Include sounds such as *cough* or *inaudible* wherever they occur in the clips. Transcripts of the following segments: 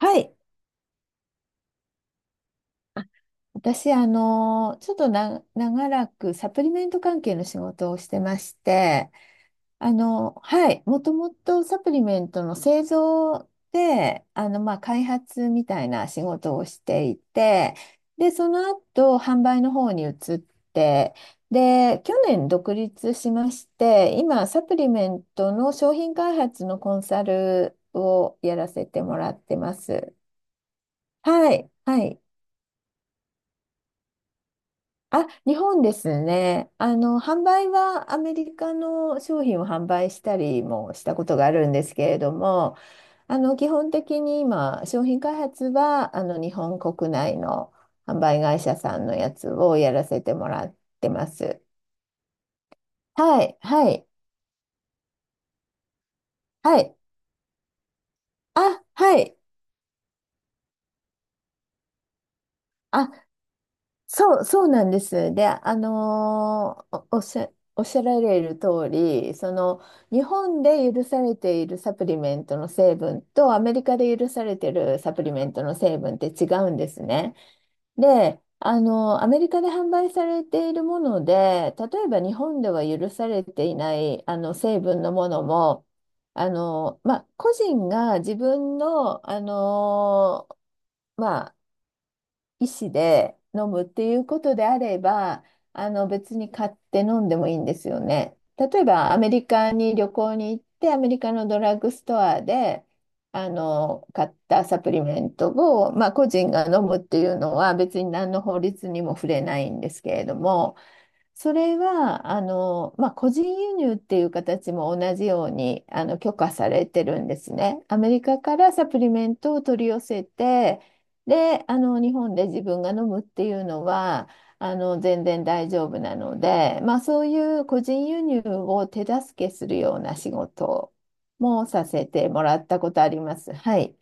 はい。私、ちょっとな、長らくサプリメント関係の仕事をしてまして、はい。もともとサプリメントの製造で、まあ、開発みたいな仕事をしていて、で、その後、販売の方に移って、で、去年独立しまして、今、サプリメントの商品開発のコンサルをやらせてもらってます。はい。はい。あ、日本ですね。販売はアメリカの商品を販売したりもしたことがあるんですけれども、基本的に今、商品開発は、日本国内の販売会社さんのやつをやらせてもらってます。はい、はい、はい。あ、はい。あ、そうなんです。で、おっしゃられる通り、その日本で許されているサプリメントの成分とアメリカで許されているサプリメントの成分って違うんですね。で、アメリカで販売されているもので、例えば日本では許されていないあの成分のものも、まあ、個人が自分の、まあ医師で飲むっていうことであれば、あの別に買って飲んでもいいんですよね。例えばアメリカに旅行に行って、アメリカのドラッグストアであの買ったサプリメントを、まあ、個人が飲むっていうのは別に何の法律にも触れないんですけれども、それは、まあ、個人輸入っていう形も同じように、許可されてるんですね。アメリカからサプリメントを取り寄せて、で、日本で自分が飲むっていうのは、全然大丈夫なので、まあ、そういう個人輸入を手助けするような仕事もさせてもらったことあります。はい。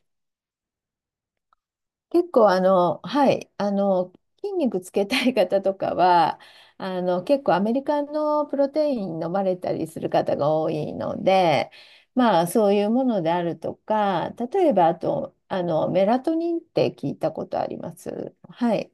結構はい、筋肉つけたい方とかは、結構アメリカのプロテイン飲まれたりする方が多いので、まあそういうものであるとか、例えばあと、メラトニンって聞いたことあります。はい。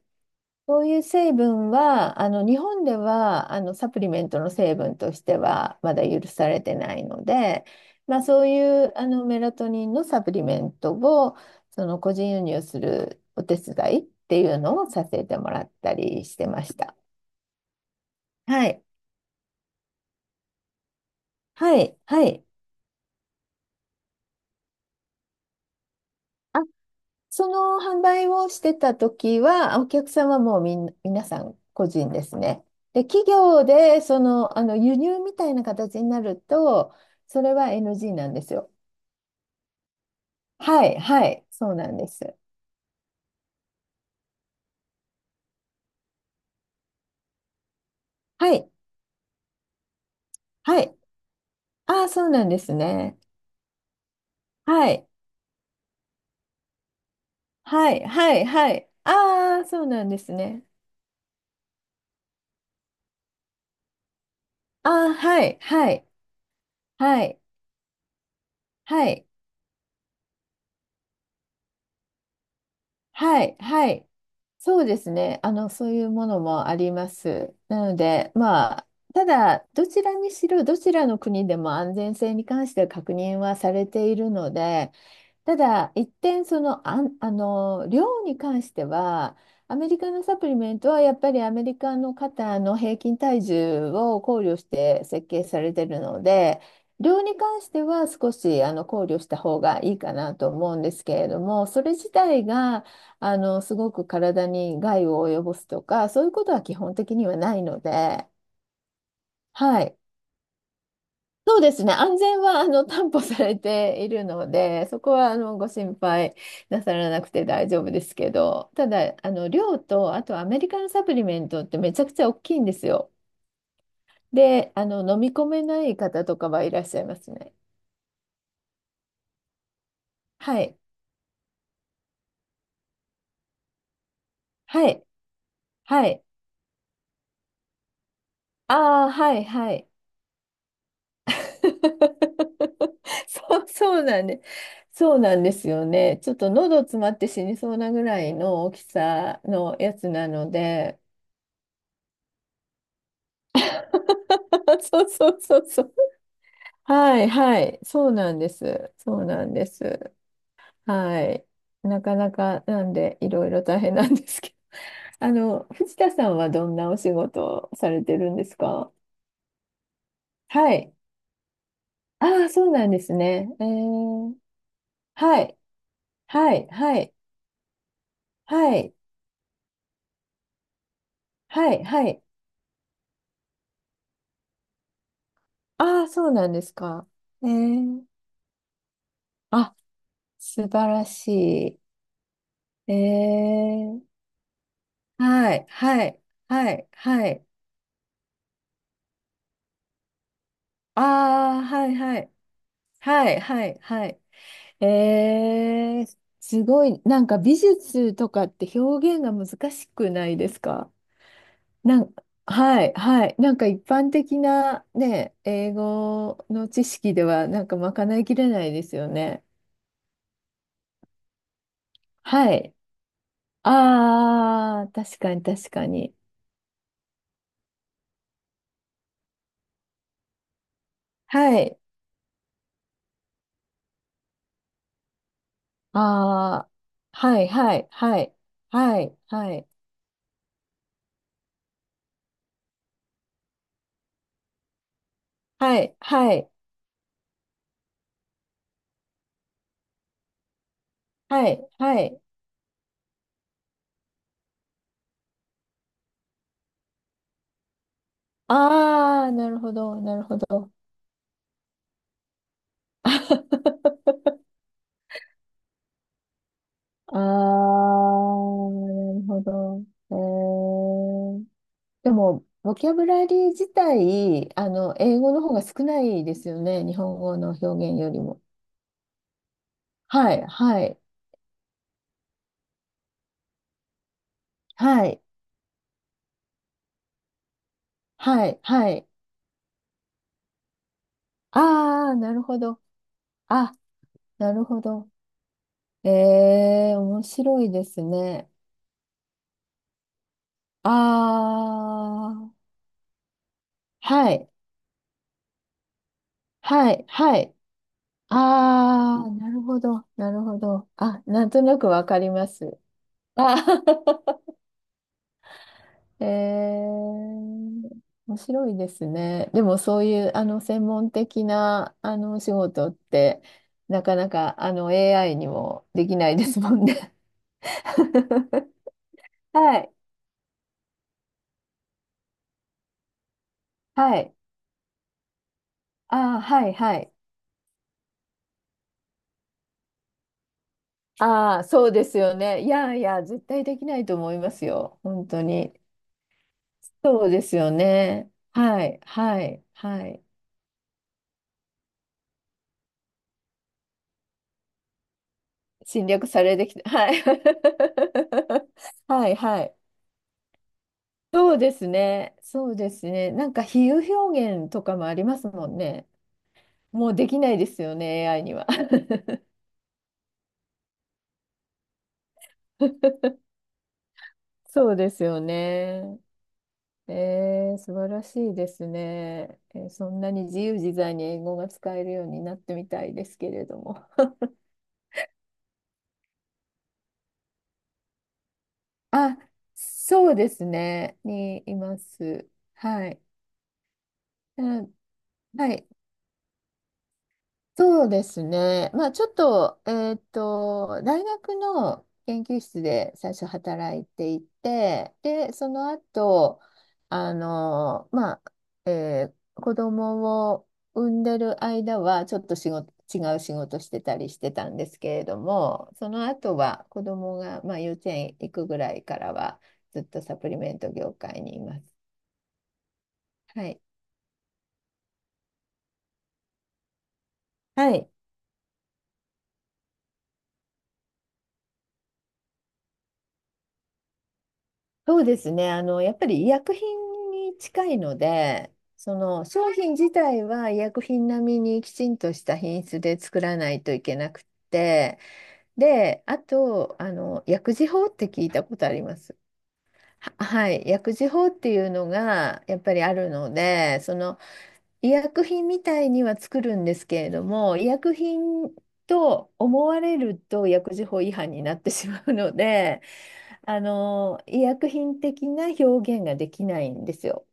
そういう成分は、あの日本ではあのサプリメントの成分としてはまだ許されてないので、まあ、そういうあのメラトニンのサプリメントをその個人輸入するお手伝いっていうのをさせてもらったりしてました。はい。はい。はい。その販売をしてた時は、お客さんはもうみんな、皆さん個人ですね。で、企業で、その、輸入みたいな形になると、それは NG なんですよ。はい、はい、そうなんです。はい、はい。ああ、そうなんですね。はい、はい、はい、はい。ああ、そうなんですね。ああ、はい、はい、はい、はい。はい、はい。そうですね。そういうものもあります。なので、まあ、ただ、どちらにしろ、どちらの国でも安全性に関しては確認はされているので、ただ、一点、量に関しては、アメリカのサプリメントはやっぱりアメリカの方の平均体重を考慮して設計されているので、量に関しては少しあの考慮した方がいいかなと思うんですけれども、それ自体が、すごく体に害を及ぼすとか、そういうことは基本的にはないので、はい。そうですね。安全は、担保されているので、そこは、ご心配なさらなくて大丈夫ですけど、ただ、量と、あとアメリカのサプリメントってめちゃくちゃ大きいんですよ。で、飲み込めない方とかはいらっしゃいますね。はい。はい。はい。ああ、はい、はい。*laughs* そう、*laughs* そうなんで、そうなんですよね。ちょっと喉詰まって死にそうなぐらいの大きさのやつなので。*laughs* そうそうそうそう。はいはい。そうなんです。そうなんです。はい。なかなかなんでいろいろ大変なんですけど。*laughs* あの、藤田さんはどんなお仕事をされてるんですか？はい。ああ、そうなんですね。えー、はい。はい。はい。はい。はい、はい。ああ、そうなんですか。えー、あ、素晴らしい。えー、はい、はい、はい、はい。ああ、はい、はい、はい、はい、はい。えー、すごい、なんか美術とかって表現が難しくないですか？なん、はい、はい。なんか一般的なね、英語の知識ではなんかまかないきれないですよね。はい。ああ、確かに確かに。はい。ああ、はいはいはいはいはいはいはいはいはい。ああ、なるほどなるほど。*laughs* ああ、なるほど。えー、でも、ボキャブラリー自体、英語の方が少ないですよね。日本語の表現よりも。はい、はい、はい、はい、はい。ああ、なるほど。あなるほど。えー、面白いですね。あー、はい、はい、はい。あー、なるほど、なるほど。あ、なんとなくわかります。あー *laughs* えー、面白いですね。でもそういう、専門的な、お仕事って、なかなか、AI にもできないですもんね。*laughs* はい、はい。あー、はい、はい。ああ、そうですよね。いやいや、絶対できないと思いますよ。本当に。そうですよね。はい、はい、はい。侵略されてきた。はい。*laughs* はい、はい。そうですね。そうですね。なんか比喩表現とかもありますもんね。もうできないですよね、AI には。*laughs* そうですよね。えー、素晴らしいですね。えーそんなに自由自在に英語が使えるようになってみたいですけれども。あ、そうですね。にいます。はい。うん、はい。そうですね。まあ、ちょっと、大学の研究室で最初働いていて、で、その後、まあ、えー子供を産んでる間は、ちょっと違う仕事してたりしてたんですけれども、その後は子供が、まあ、幼稚園行くぐらいからは、ずっとサプリメント業界にいます。はい。はい。そうですね。やっぱり医薬品に近いので、その商品自体は医薬品並みにきちんとした品質で作らないといけなくって、で、あと、薬事法って聞いたことあります？は、はい。薬事法っていうのがやっぱりあるので、その医薬品みたいには作るんですけれども、医薬品と思われると薬事法違反になってしまうので、医薬品的な表現ができないんですよ。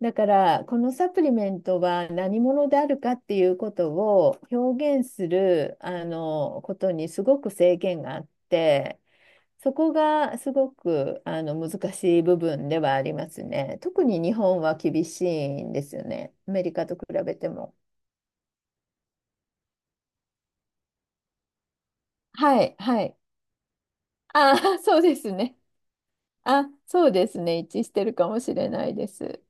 だから、このサプリメントは何者であるかっていうことを表現する、ことにすごく制限があって、そこがすごくあの難しい部分ではありますね。特に日本は厳しいんですよね。アメリカと比べても。はい、はい。ああ、*laughs* そうですね。あ、そうですね。一致してるかもしれないです。